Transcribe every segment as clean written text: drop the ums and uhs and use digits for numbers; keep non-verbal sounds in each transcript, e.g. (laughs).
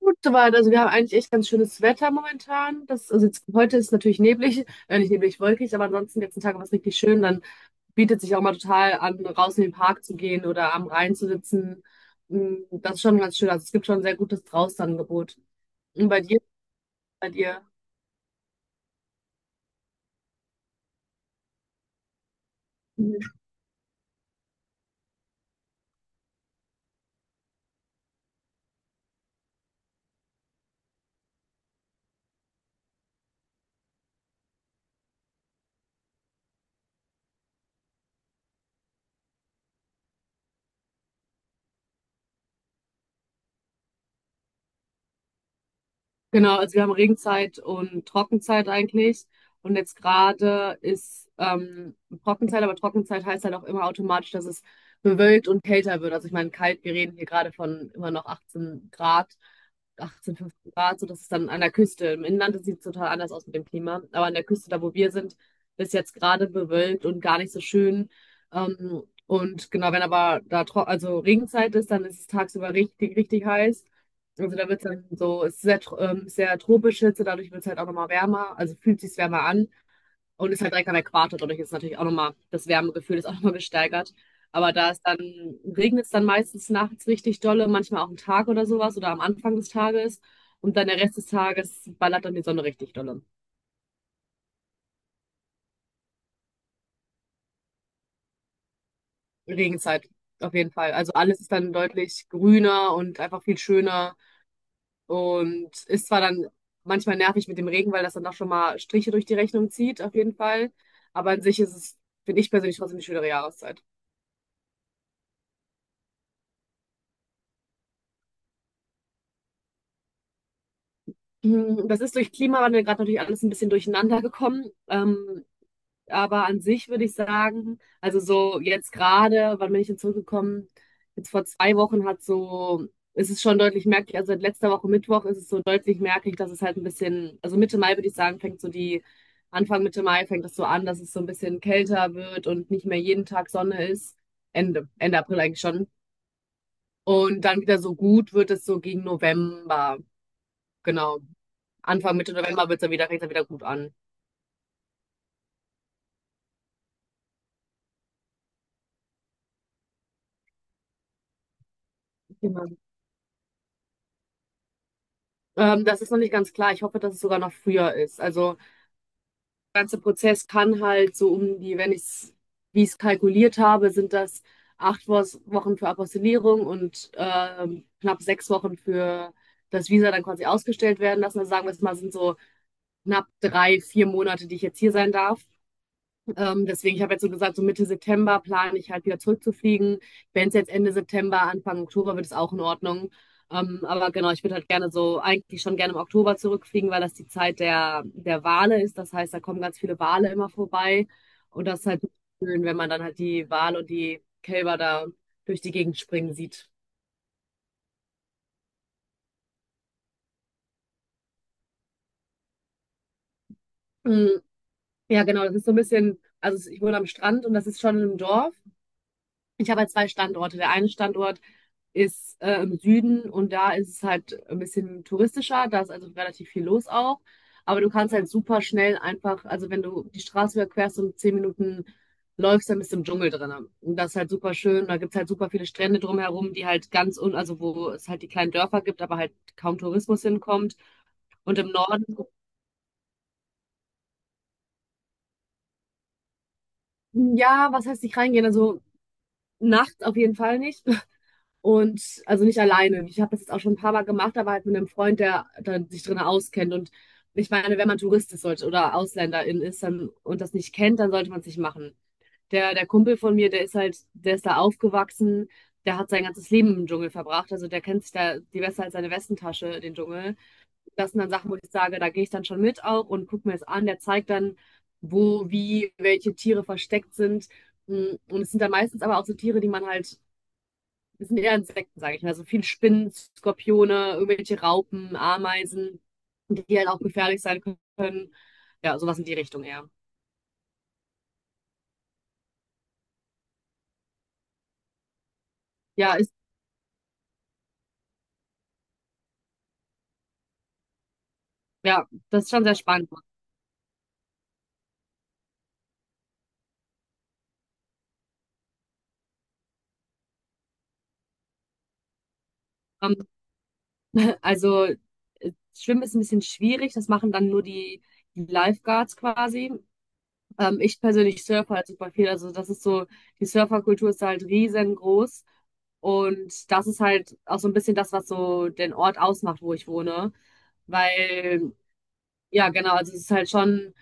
Gut soweit. Also wir haben eigentlich echt ganz schönes Wetter momentan. Also jetzt, heute ist natürlich neblig, nicht neblig, wolkig, aber ansonsten die letzten Tage war es richtig schön. Dann bietet sich auch mal total an, raus in den Park zu gehen oder am Rhein zu sitzen. Das ist schon ganz schön. Also es gibt schon ein sehr gutes Draußenangebot. Und bei dir? Genau, also wir haben Regenzeit und Trockenzeit eigentlich. Und jetzt gerade ist Trockenzeit, aber Trockenzeit heißt halt auch immer automatisch, dass es bewölkt und kälter wird. Also ich meine, kalt, wir reden hier gerade von immer noch 18 Grad, 18, 15 Grad, so dass es dann an der Küste. Im Inland sieht es total anders aus mit dem Klima. Aber an der Küste, da wo wir sind, ist jetzt gerade bewölkt und gar nicht so schön. Und genau, wenn aber da tro also Regenzeit ist, dann ist es tagsüber richtig, richtig heiß. Also da wird es dann so, es ist sehr, sehr tropisch Hitze, dadurch wird es halt auch nochmal wärmer, also fühlt sich wärmer an und ist halt direkt am Äquator. Dadurch ist natürlich auch nochmal, das Wärmegefühl ist auch nochmal gesteigert. Aber regnet es dann meistens nachts richtig dolle, manchmal auch einen Tag oder sowas oder am Anfang des Tages, und dann der Rest des Tages ballert dann die Sonne richtig dolle. Regenzeit, auf jeden Fall. Also alles ist dann deutlich grüner und einfach viel schöner. Und ist zwar dann manchmal nervig mit dem Regen, weil das dann doch schon mal Striche durch die Rechnung zieht, auf jeden Fall. Aber an sich ist es, finde ich persönlich, trotzdem eine schöne Jahreszeit. Das ist durch Klimawandel gerade natürlich alles ein bisschen durcheinander gekommen. Aber an sich würde ich sagen, also so jetzt gerade, wann bin ich denn zurückgekommen? Jetzt vor 2 Wochen hat so, ist es schon deutlich merklich, also seit letzter Woche Mittwoch ist es so deutlich merklich, dass es halt ein bisschen, also Mitte Mai würde ich sagen, fängt so die, Anfang Mitte Mai fängt es so an, dass es so ein bisschen kälter wird und nicht mehr jeden Tag Sonne ist. Ende April eigentlich schon. Und dann wieder so gut wird es so gegen November. Genau. Anfang Mitte November wird es dann wieder, fängt es dann wieder gut an. Genau. Das ist noch nicht ganz klar. Ich hoffe, dass es sogar noch früher ist. Also, der ganze Prozess kann halt so um die, wenn ich es, wie ich es kalkuliert habe, sind das acht Wochen für Apostillierung und knapp 6 Wochen für das Visa dann quasi ausgestellt werden lassen. Also sagen wir es mal, sind so knapp drei, vier Monate, die ich jetzt hier sein darf. Deswegen, ich habe jetzt so gesagt, so Mitte September plane ich halt wieder zurückzufliegen. Wenn es jetzt Ende September, Anfang Oktober wird, es auch in Ordnung. Aber genau, ich würde halt gerne so, eigentlich schon gerne im Oktober zurückfliegen, weil das die Zeit der Wale ist. Das heißt, da kommen ganz viele Wale immer vorbei. Und das ist halt schön, wenn man dann halt die Wale und die Kälber da durch die Gegend springen sieht. Mm, ja, genau, das ist so ein bisschen, also ich wohne am Strand und das ist schon im Dorf. Ich habe halt zwei Standorte. Der eine Standort ist im Süden und da ist es halt ein bisschen touristischer. Da ist also relativ viel los auch. Aber du kannst halt super schnell einfach, also wenn du die Straße überquerst und 10 Minuten läufst, dann bist du im Dschungel drin. Und das ist halt super schön. Da gibt's halt super viele Strände drumherum, die halt ganz also wo es halt die kleinen Dörfer gibt, aber halt kaum Tourismus hinkommt. Und im Norden, ja, was heißt nicht reingehen? Also nachts auf jeden Fall nicht. Und also nicht alleine. Ich habe das jetzt auch schon ein paar Mal gemacht, aber halt mit einem Freund, der dann sich drin auskennt. Und ich meine, wenn man Tourist ist sollte, oder Ausländerin ist dann, und das nicht kennt, dann sollte man es nicht machen. Der Kumpel von mir, der ist halt, der ist da aufgewachsen, der hat sein ganzes Leben im Dschungel verbracht. Also der kennt sich da die besser als seine Westentasche, den Dschungel. Das sind dann Sachen, wo ich sage, da gehe ich dann schon mit auch und gucke mir es an. Der zeigt dann, wo, wie, welche Tiere versteckt sind. Und es sind dann meistens aber auch so Tiere, die man halt das sind eher Insekten, sage ich mal. So viel Spinnen, Skorpione, irgendwelche Raupen, Ameisen, die halt auch gefährlich sein können. Ja, sowas in die Richtung eher. Ja, ist, ja, das ist schon sehr spannend. Ähm, also, Schwimmen ist ein bisschen schwierig. Das machen dann nur die Lifeguards quasi. Ich persönlich surfe halt super viel. Also, das ist so, die Surferkultur ist halt riesengroß. Und das ist halt auch so ein bisschen das, was so den Ort ausmacht, wo ich wohne. Weil Ja, genau. Also es ist halt schon,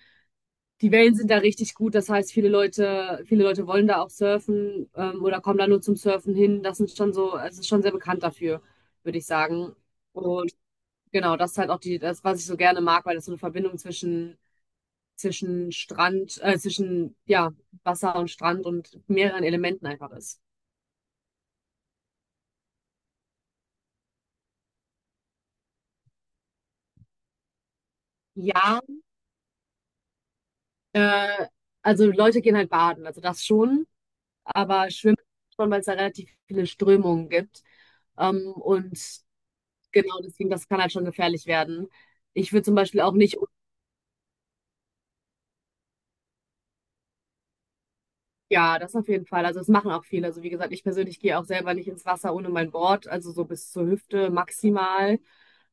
die Wellen sind da richtig gut. Das heißt, viele Leute wollen da auch surfen, oder kommen da nur zum Surfen hin. Das sind schon so, also es ist schon sehr bekannt dafür, würde ich sagen. Und genau, das ist halt auch die, das, was ich so gerne mag, weil das so eine Verbindung zwischen, Strand, zwischen, ja, Wasser und Strand und mehreren Elementen einfach ist. Ja, äh, also Leute gehen halt baden, also das schon, aber schwimmen schon, weil es da relativ viele Strömungen gibt. Ähm, und Genau, deswegen, das kann halt schon gefährlich werden. Ich würde zum Beispiel auch nicht, ja, das auf jeden Fall. Also das machen auch viele. Also wie gesagt, ich persönlich gehe auch selber nicht ins Wasser ohne mein Board, also so bis zur Hüfte maximal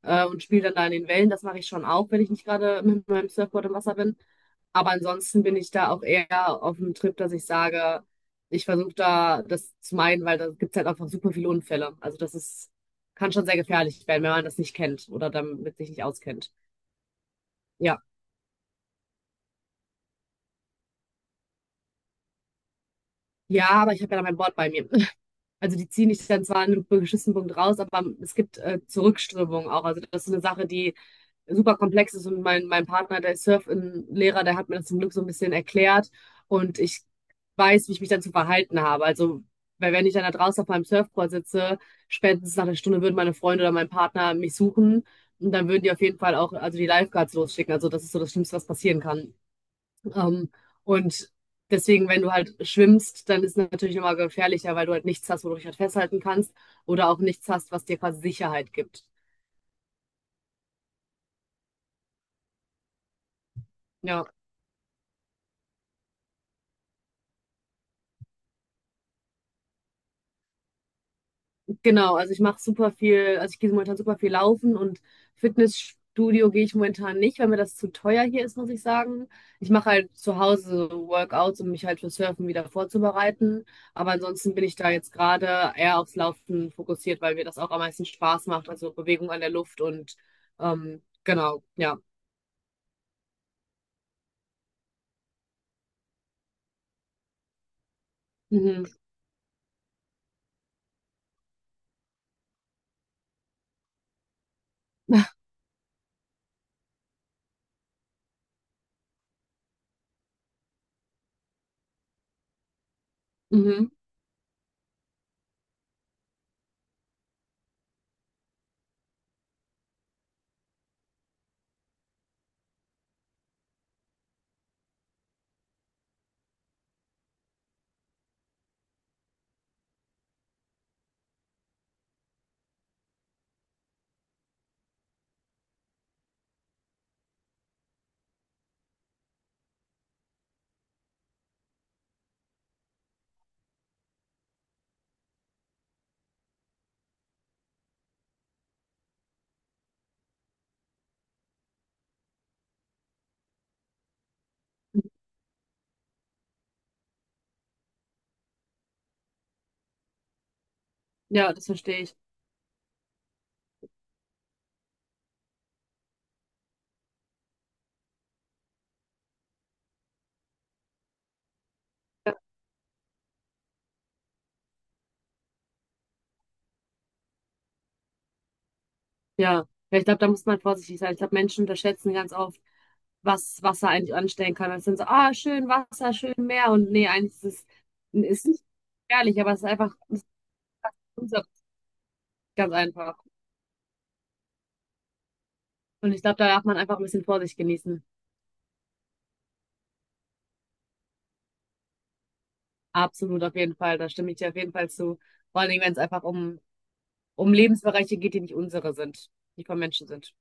und spiele dann da in den Wellen. Das mache ich schon auch, wenn ich nicht gerade mit meinem Surfboard im Wasser bin. Aber ansonsten bin ich da auch eher auf dem Trip, dass ich sage, ich versuche da das zu meiden, weil da gibt es halt einfach super viele Unfälle. Also das ist, kann schon sehr gefährlich werden, wenn man das nicht kennt oder damit sich nicht auskennt. Ja. Ja, aber ich habe ja dann mein Board bei mir. Also die ziehen dich dann zwar an einem beschissenen Punkt raus, aber es gibt Zurückströmung auch. Also das ist eine Sache, die super komplex ist, und mein Partner, der ist Surf-Lehrer, der hat mir das zum Glück so ein bisschen erklärt und ich weiß, wie ich mich dann zu verhalten habe. Also weil wenn ich dann da draußen auf meinem Surfboard sitze, spätestens nach einer Stunde würden meine Freunde oder mein Partner mich suchen, und dann würden die auf jeden Fall auch also die Lifeguards losschicken. Also das ist so das Schlimmste, was passieren kann. Ähm, und Deswegen, wenn du halt schwimmst, dann ist es natürlich nochmal gefährlicher, weil du halt nichts hast, wo du dich halt festhalten kannst oder auch nichts hast, was dir quasi Sicherheit gibt. Ja, genau. Also ich mache super viel, also ich gehe momentan super viel laufen, und Fitnessstudio gehe ich momentan nicht, weil mir das zu teuer hier ist, muss ich sagen. Ich mache halt zu Hause so Workouts, um mich halt für Surfen wieder vorzubereiten. Aber ansonsten bin ich da jetzt gerade eher aufs Laufen fokussiert, weil mir das auch am meisten Spaß macht. Also Bewegung an der Luft und genau, ja. Mhm. (laughs) Mhm. Ja, das verstehe ich. Ja. Ja, ich glaube, da muss man vorsichtig sein. Ich glaube, Menschen unterschätzen ganz oft, was Wasser eigentlich anstellen kann. Es sind so, ah, schön Wasser, schön Meer. Und nee, eigentlich ist es ist nicht gefährlich, aber es ist einfach, es ist unser- ganz einfach. Und ich glaube, da darf man einfach ein bisschen Vorsicht genießen. Absolut, auf jeden Fall. Da stimme ich dir auf jeden Fall zu. Vor allen Dingen, wenn es einfach um, Lebensbereiche geht, die nicht unsere sind, die von Menschen sind.